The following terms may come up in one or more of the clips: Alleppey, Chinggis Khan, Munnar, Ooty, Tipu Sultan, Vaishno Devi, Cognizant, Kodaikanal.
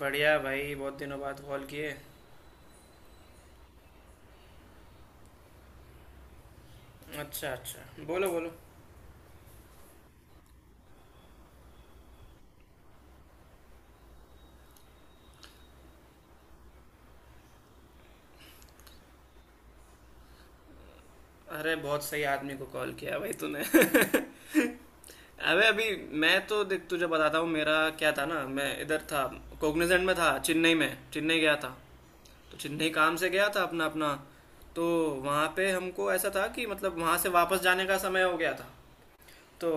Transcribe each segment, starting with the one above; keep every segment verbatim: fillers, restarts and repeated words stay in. बढ़िया भाई, बहुत दिनों बाद कॉल किए। अच्छा अच्छा, बोलो बोलो। अरे बहुत सही आदमी को कॉल किया भाई तूने अबे अभी मैं तो देख तुझे बताता हूँ। मेरा क्या था ना, मैं इधर था, कोग्निजेंट में था चेन्नई में। चेन्नई गया था, तो चेन्नई काम से गया था अपना अपना। तो वहाँ पे हमको ऐसा था कि मतलब वहाँ से वापस जाने का समय हो गया था। तो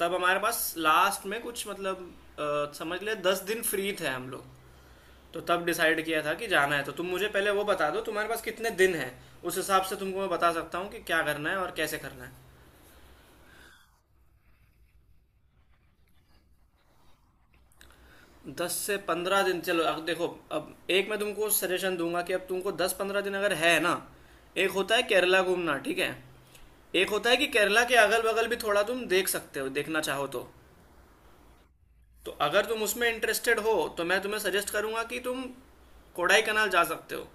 तब हमारे पास लास्ट में कुछ मतलब अ, समझ ले दस दिन फ्री थे हम लोग। तो तब डिसाइड किया था कि जाना है तो तुम मुझे पहले वो बता दो तुम्हारे पास कितने दिन हैं। उस हिसाब से तुमको मैं बता सकता हूँ कि क्या करना है और कैसे करना है। दस से पंद्रह दिन, चलो अब देखो। अब एक मैं तुमको सजेशन दूंगा कि अब तुमको दस पंद्रह दिन अगर है ना, एक होता है केरला घूमना, ठीक है। एक होता है कि केरला के अगल बगल भी थोड़ा तुम देख सकते हो, देखना चाहो तो। तो अगर तुम उसमें इंटरेस्टेड हो तो मैं तुम्हें सजेस्ट करूंगा कि तुम कोडाई कनाल जा सकते हो।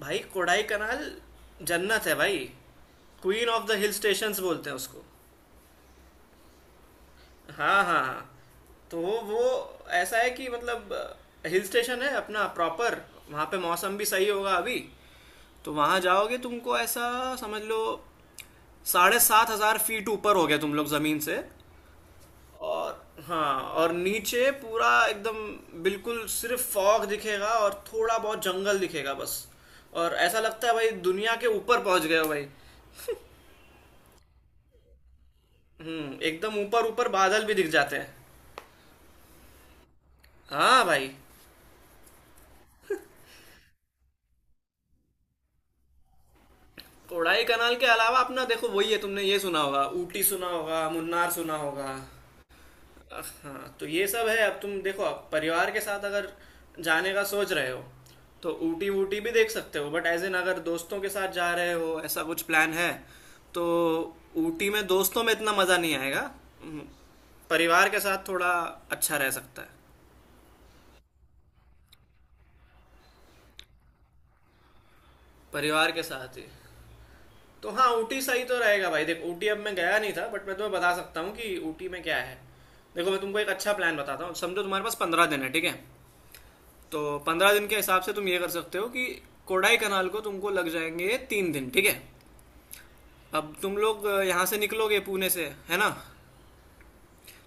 भाई कोडाई कनाल जन्नत है भाई। Queen of the hill stations बोलते हैं उसको। हाँ हाँ हाँ। तो वो ऐसा है कि मतलब हिल स्टेशन है अपना प्रॉपर। वहाँ पे मौसम भी सही होगा अभी। तो वहाँ जाओगे तुमको ऐसा समझ लो, साढ़े सात हजार फीट ऊपर हो गया तुम लोग ज़मीन से। और हाँ, और नीचे पूरा एकदम बिल्कुल सिर्फ फॉग दिखेगा और थोड़ा बहुत जंगल दिखेगा बस। और ऐसा लगता है भाई दुनिया के ऊपर पहुंच गए हो भाई। हम्म, एकदम ऊपर ऊपर बादल भी दिख जाते हैं। हाँ भाई। कोडाई कनाल के अलावा अपना देखो वही है, तुमने ये सुना होगा, ऊटी सुना होगा, मुन्नार सुना होगा। अह, हाँ तो ये सब है। अब तुम देखो अब परिवार के साथ अगर जाने का सोच रहे हो तो ऊटी वूटी भी देख सकते हो, बट एज इन अगर दोस्तों के साथ जा रहे हो ऐसा कुछ प्लान है तो ऊटी में दोस्तों में इतना मज़ा नहीं आएगा। हम्म, परिवार के साथ थोड़ा अच्छा रह सकता है। परिवार के साथ ही तो हाँ, ऊटी सही तो रहेगा भाई। देख ऊटी अब मैं गया नहीं था बट मैं तुम्हें बता सकता हूँ कि ऊटी में क्या है। देखो मैं तुमको एक अच्छा प्लान बताता हूँ। समझो तुम्हारे पास पंद्रह दिन है, ठीक है। तो पंद्रह दिन के हिसाब से तुम ये कर सकते हो कि कोडाई कनाल को तुमको लग जाएंगे तीन दिन, ठीक है। अब तुम लोग यहाँ से निकलोगे पुणे से है ना।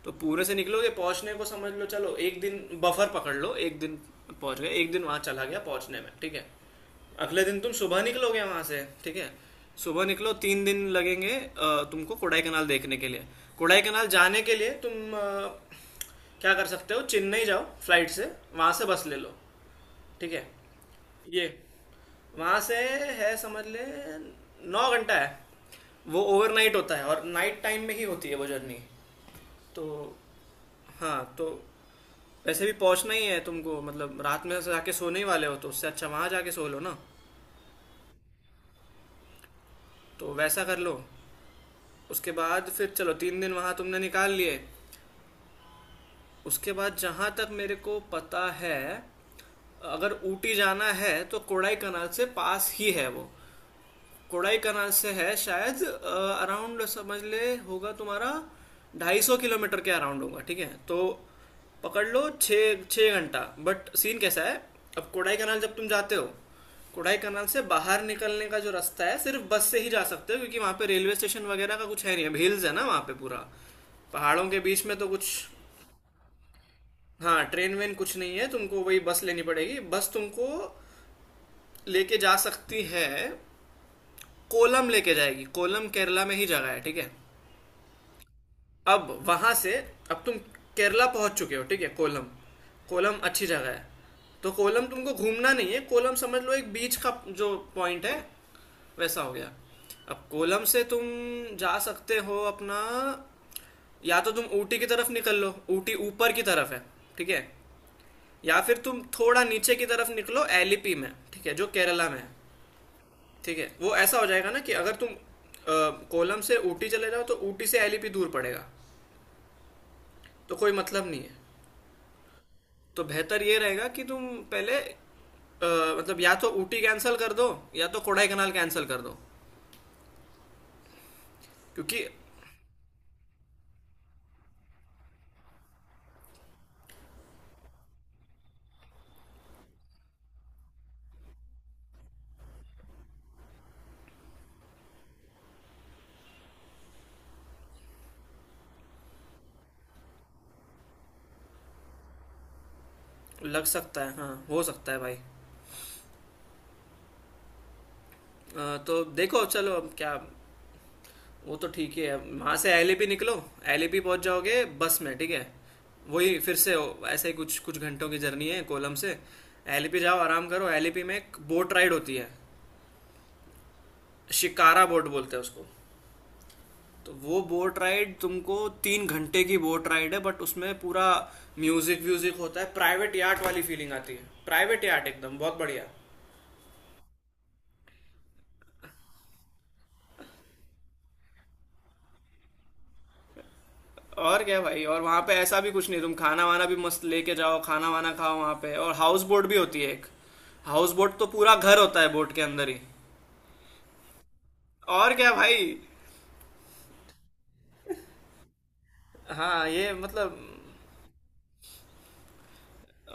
तो पूरे से निकलोगे, पहुंचने को समझ लो चलो एक दिन बफर पकड़ लो, एक दिन पहुंच गए, एक दिन वहां चला गया पहुंचने में, ठीक है। अगले दिन तुम सुबह निकलोगे वहां से, ठीक है। सुबह निकलो, तीन दिन लगेंगे अ, तुमको कोडाई कनाल देखने के लिए। कोडाई कनाल जाने के लिए तुम अ, क्या कर सकते हो, चेन्नई जाओ फ्लाइट से, वहां से बस ले लो। ठीक है, ये वहां से है समझ ले नौ घंटा है। वो ओवरनाइट होता है और नाइट टाइम में ही होती है वो जर्नी। तो हाँ, तो वैसे भी पहुंचना ही है तुमको, मतलब रात में जाके सोने ही वाले हो तो उससे अच्छा वहां जाके सो लो ना। तो वैसा कर लो। उसके बाद फिर चलो तीन दिन वहां तुमने निकाल लिए। उसके बाद जहां तक मेरे को पता है, अगर ऊटी जाना है तो कोडाई कनाल से पास ही है वो। कोडाई कनाल से है शायद अराउंड समझ ले होगा तुम्हारा ढाई सौ किलोमीटर के अराउंड होगा, ठीक है। तो पकड़ लो छः छः घंटा। बट सीन कैसा है, अब कोडाई कनाल जब तुम जाते हो, कोडाई कनाल से बाहर निकलने का जो रास्ता है सिर्फ बस से ही जा सकते हो क्योंकि वहाँ पे रेलवे स्टेशन वगैरह का कुछ है नहीं। अब हिल्स है ना वहाँ पे पूरा, पहाड़ों के बीच में तो कुछ। हाँ ट्रेन वेन कुछ नहीं है, तुमको वही बस लेनी पड़ेगी, बस तुमको लेके जा सकती है, कोलम लेके जाएगी। कोलम केरला में ही जगह है, ठीक है। अब वहां से अब तुम केरला पहुंच चुके हो, ठीक है कोलम। कोलम अच्छी जगह है। तो कोलम तुमको घूमना नहीं है, कोलम समझ लो एक बीच का जो पॉइंट है, वैसा हो गया। अब कोलम से तुम जा सकते हो अपना, या तो तुम ऊटी की तरफ निकल लो, ऊटी ऊपर की तरफ है, ठीक है। या फिर तुम थोड़ा नीचे की तरफ निकलो एलिपी में, ठीक है, जो केरला में है। ठीक है, वो ऐसा हो जाएगा ना कि अगर तुम अ, कोलम से ऊटी चले जाओ तो ऊटी से एलिपी दूर पड़ेगा। तो कोई मतलब नहीं है। तो बेहतर ये रहेगा कि तुम पहले अ, मतलब या तो ऊटी कैंसिल कर दो, या तो कोडाई कनाल कैंसिल कर दो, क्योंकि लग सकता है, हाँ हो सकता है भाई। अ, तो देखो चलो अब क्या, वो तो ठीक ही है, वहाँ से एलिपी निकलो। एलिपी पहुँच जाओगे बस में, ठीक है। वही फिर से हो- ऐसे ही कुछ कुछ घंटों की जर्नी है कोलम से। एलिपी जाओ आराम करो, एलिपी में एक बोट राइड होती है, शिकारा बोट बोलते हैं उसको। तो वो बोट राइड तुमको तीन घंटे की बोट राइड है, बट उसमें पूरा म्यूजिक व्यूजिक होता है, प्राइवेट यार्ट वाली फीलिंग आती है, प्राइवेट यार्ट एकदम, बहुत बढ़िया और क्या भाई। और वहाँ पे ऐसा भी कुछ नहीं, तुम खाना वाना भी मस्त लेके जाओ, खाना वाना खाओ वहाँ पे। और हाउस बोट भी होती है एक। हाउस बोट तो पूरा घर होता है बोट के अंदर ही, और क्या भाई। हाँ ये मतलब,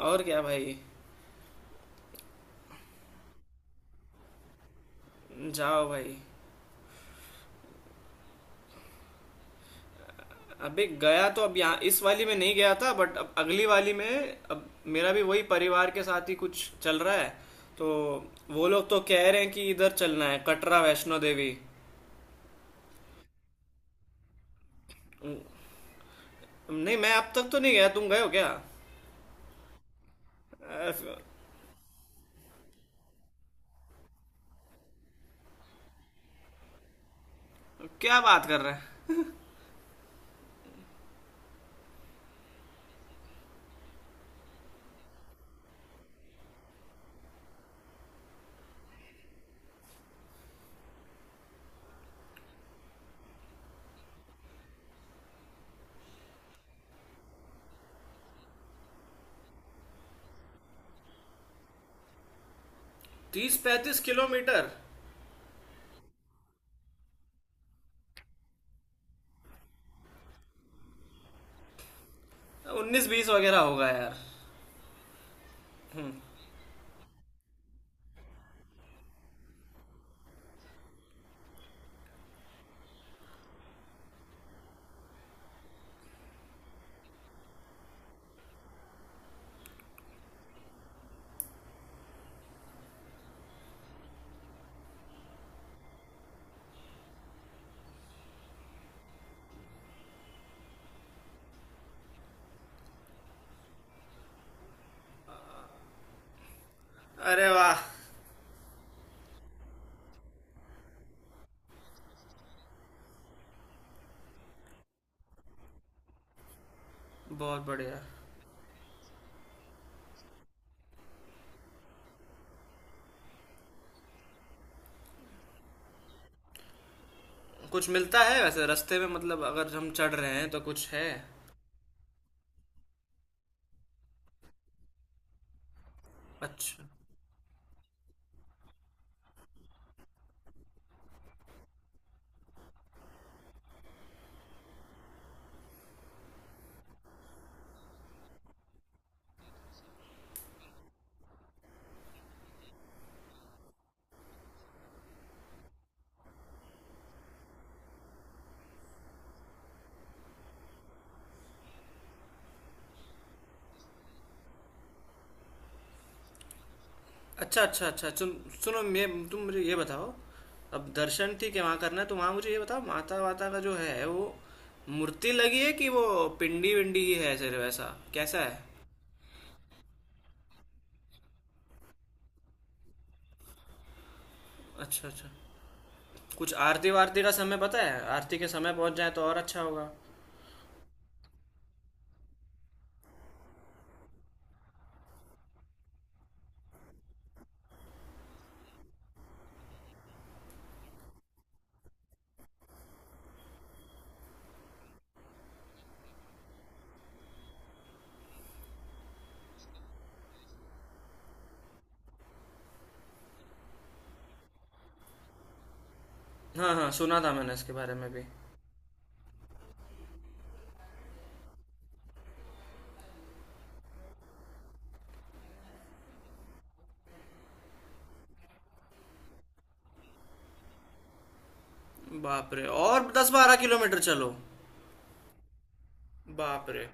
और क्या भाई। जाओ भाई। अबे गया तो, अब यहाँ इस वाली में नहीं गया था बट अब अगली वाली में अब मेरा भी वही परिवार के साथ ही कुछ चल रहा है। तो वो लोग तो कह रहे हैं कि इधर चलना है कटरा वैष्णो देवी। नहीं मैं अब तक तो नहीं गया, तुम गए हो क्या। अ, क्या बात कर रहे हैं? तीस पैंतीस किलोमीटर? उन्नीस बीस वगैरह होगा यार। अरे वाह, बहुत बढ़िया। कुछ मिलता है वैसे रास्ते में, मतलब अगर हम चढ़ रहे हैं तो कुछ है? अच्छा अच्छा अच्छा। अच्छा सुन, सुनो, मैं तुम मुझे ये बताओ, अब दर्शन ठीक है वहाँ करना है तो वहाँ मुझे ये बताओ माता वाता का जो है वो मूर्ति लगी है कि वो पिंडी विंडी ही है सिर्फ, ऐसा कैसा है? अच्छा अच्छा। कुछ आरती वारती का समय पता है, आरती के समय पहुँच जाए तो और अच्छा होगा। हाँ हाँ सुना था मैंने इसके बारे में भी। बाप रे, और दस बारह किलोमीटर, चलो। बाप रे।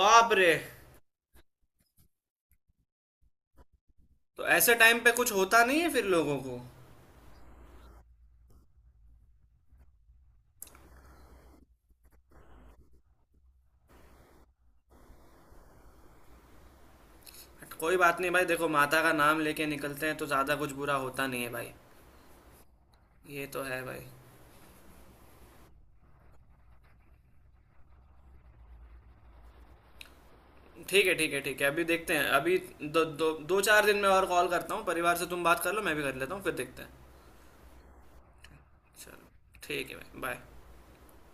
बाप रे, तो ऐसे टाइम पे कुछ होता नहीं है फिर लोगों को? कोई बात नहीं भाई, देखो माता का नाम लेके निकलते हैं तो ज़्यादा कुछ बुरा होता नहीं है भाई। ये तो है भाई। ठीक है ठीक है ठीक है, अभी देखते हैं, अभी दो दो दो चार दिन में और कॉल करता हूँ, परिवार से तुम बात कर लो, मैं भी कर लेता हूँ, फिर देखते हैं। चलो ठीक है भाई, बाय।